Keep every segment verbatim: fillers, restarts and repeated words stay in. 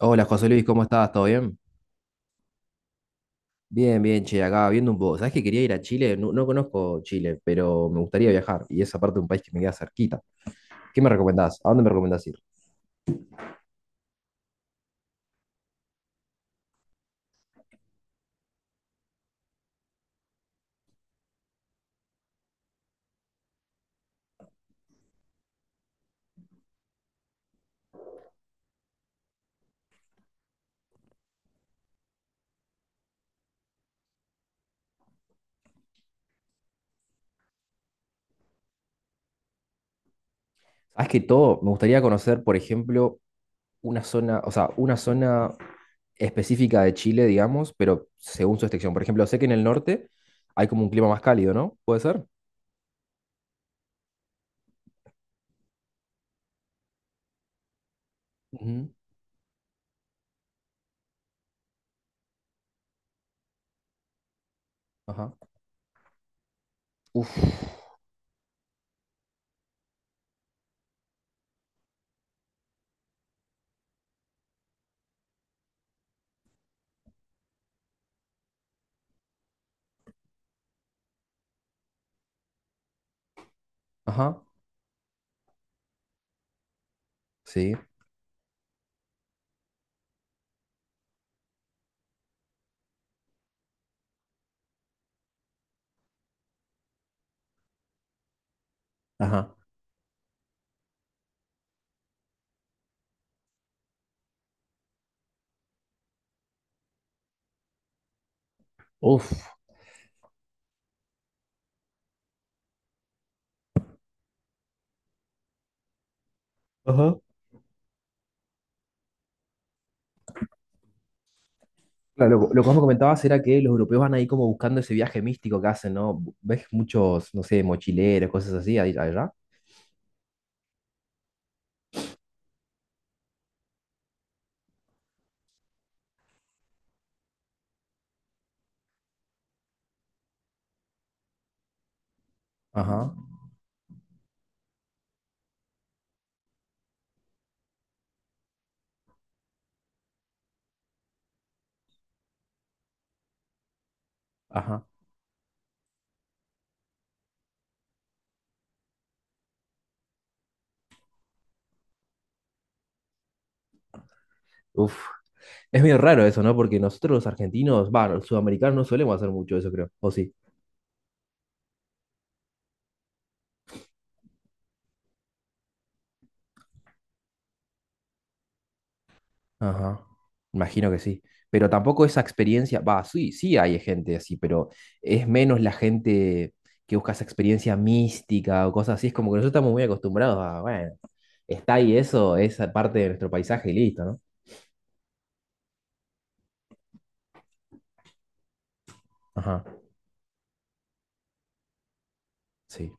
Hola José Luis, ¿cómo estás? ¿Todo bien? Bien, bien, che, acá viendo un poco. ¿Sabés que quería ir a Chile? No, no conozco Chile, pero me gustaría viajar y esa parte de un país que me queda cerquita. ¿Qué me recomendás? ¿A dónde me recomendás ir? Sabés que todo, me gustaría conocer, por ejemplo, una zona, o sea, una zona específica de Chile, digamos, pero según su extensión. Por ejemplo, sé que en el norte hay como un clima más cálido, ¿no? ¿Puede ser? Ujú. Ajá. Uf. Ajá. Sí. Ajá. Uf. Ajá. Claro, lo, lo que vos me comentabas era que los europeos van ahí como buscando ese viaje místico que hacen, ¿no? ¿Ves muchos, no sé, mochileros, cosas así ahí- allá? Ajá, ajá. Uf. Es medio raro eso, ¿no? Porque nosotros los argentinos, va, los sudamericanos no solemos hacer mucho eso, creo. ¿O sí? Ajá. Imagino que sí. Pero tampoco esa experiencia, va, sí, sí hay gente así, pero es menos la gente que busca esa experiencia mística o cosas así. Es como que nosotros estamos muy acostumbrados a, bueno, está ahí eso, esa parte de nuestro paisaje y listo, ¿no? Ajá. Sí.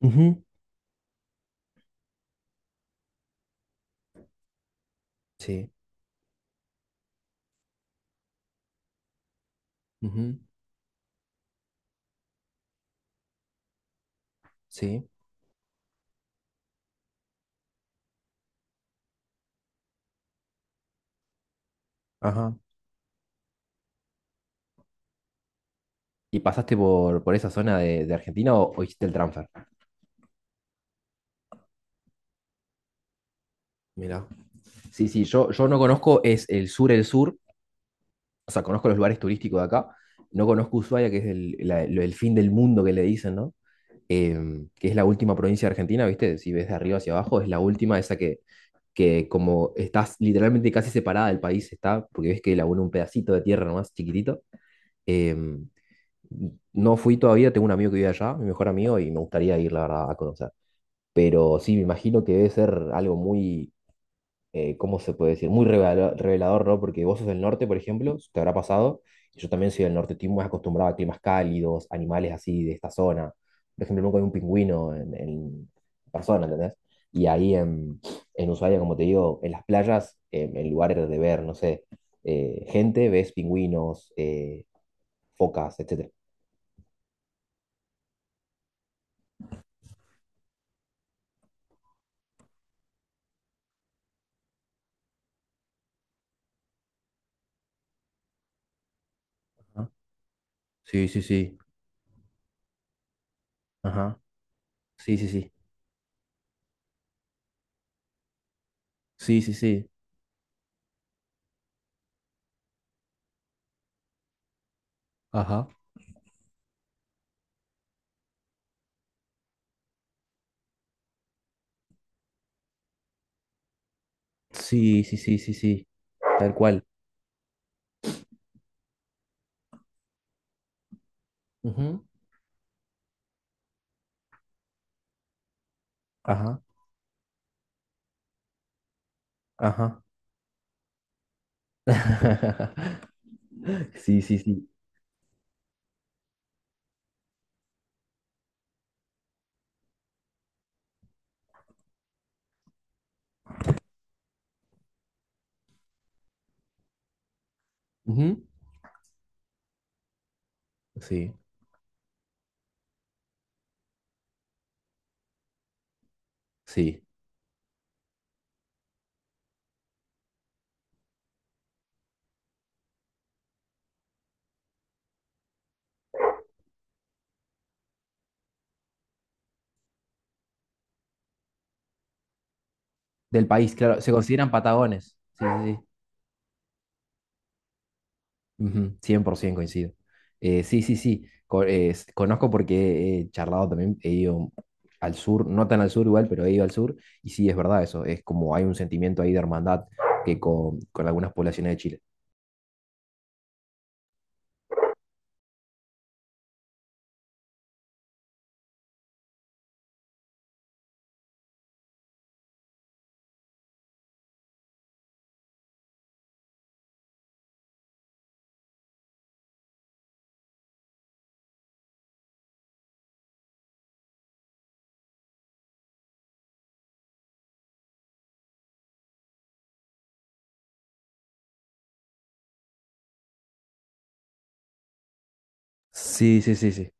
Ujú. Sí, ujú, sí, ajá. ¿Y pasaste por, por esa zona de, de Argentina o, o hiciste el transfer? Mira, sí, sí, yo, yo no conozco, es el sur, el sur, o sea, conozco los lugares turísticos de acá, no conozco Ushuaia, que es el, la- lo- el fin del mundo que le dicen, ¿no? Em, que es la última provincia de Argentina, ¿viste? Si ves de arriba hacia abajo, es la última, esa que, que como estás literalmente casi separada del país, está, porque ves que la une un pedacito de tierra nomás, chiquitito. Em, No fui todavía, tengo un amigo que vive allá, mi mejor amigo, y me gustaría ir, la verdad, a conocer. Pero sí, me imagino que debe ser algo muy, eh, ¿cómo se puede decir? Muy revela- revelador, ¿no? Porque vos sos del norte, por ejemplo, te habrá pasado, y yo también soy del norte, estoy muy acostumbrado a climas cálidos, animales así de esta zona. Por ejemplo, nunca vi un pingüino en, en persona, ¿entendés? Y ahí en, en Ushuaia, como te digo, en las playas, en, en lugares de ver, no sé, eh, gente, ves pingüinos, eh, focas, etcétera. Ajá. Sí, sí, sí. Ajá. Sí, sí, sí. Sí, sí, sí. Ajá. Sí, sí, sí, sí, sí. Tal cual. Ujú. Ajá. Ajá. Sí, sí, sí. Ujú. Sí, sí. Del país, claro. Se consideran patagones. Sí, sí, sí. Ujú, cien por ciento coincido. Eh, sí, sí, sí. Co- eh, s- conozco porque he charlado también. He ido al sur, no tan al sur igual, pero he ido al sur. Y sí, es verdad eso. Es como hay un sentimiento ahí de hermandad que con, con algunas poblaciones de Chile. Sí, sí, sí, sí.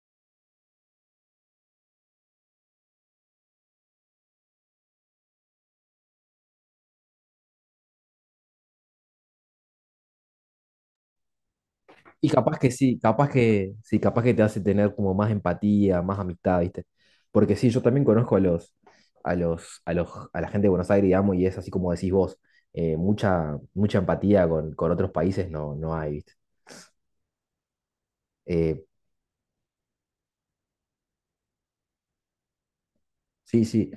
Y capaz que sí, capaz que sí, capaz que te hace tener como más empatía, más amistad, ¿viste? Porque sí, yo también conozco a los, a los, a los, a la gente de Buenos Aires, digamos, y es así como decís vos, eh, mucha, mucha empatía con, con otros países no, no hay, ¿viste? Eh, sí, sí.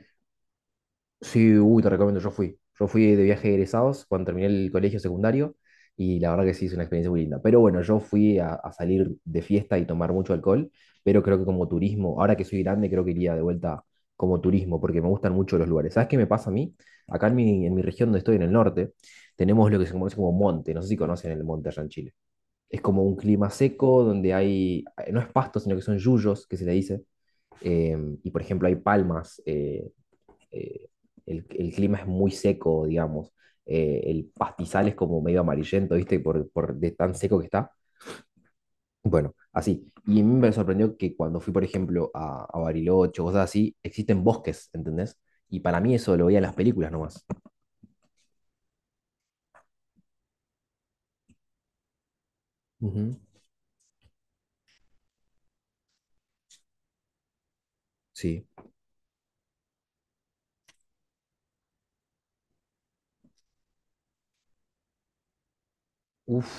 Sí, uy, te recomiendo, yo fui. Yo fui de viaje de egresados cuando terminé el colegio secundario y la verdad que sí, es una experiencia muy linda. Pero bueno, yo fui a, a salir de fiesta y tomar mucho alcohol, pero creo que como turismo, ahora que soy grande, creo que iría de vuelta como turismo porque me gustan mucho los lugares. ¿Sabes qué me pasa a mí? Acá en mi, en mi región donde estoy, en el norte, tenemos lo que se conoce como monte. No sé si conocen el monte allá en Chile. Es como un clima seco donde hay, no es pasto, sino que son yuyos, que se le dice. Em, y por ejemplo, hay palmas. eh, eh, el, el clima es muy seco, digamos. Eh, el pastizal es como medio amarillento, ¿viste? Por, por de tan seco que está. Bueno, así. Y a mí me sorprendió que cuando fui, por ejemplo, a, a Bariloche cosas así, existen bosques, ¿entendés? Y para mí eso lo veía en las películas nomás. Ujú. Sí. Uf.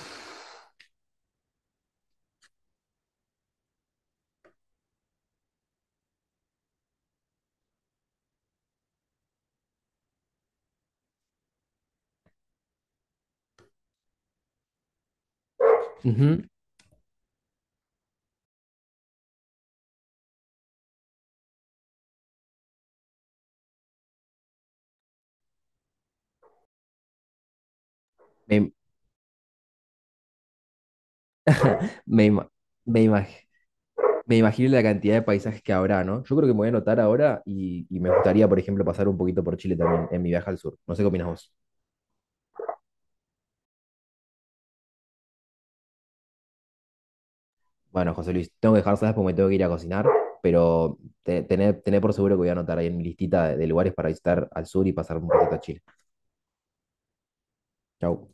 Ujú. Me, me, ima- me imag- Me imagino la cantidad de paisajes que habrá, ¿no? Yo creo que me voy a anotar ahora y, y me gustaría, por ejemplo, pasar un poquito por Chile también en mi viaje al sur. No sé qué opinas vos. Bueno, José Luis, tengo que dejar, ¿sabes? Porque me tengo que ir a cocinar, pero te- tené tené por seguro que voy a anotar ahí en mi listita de, de lugares para visitar al sur y pasar un ratito a Chile. Chau.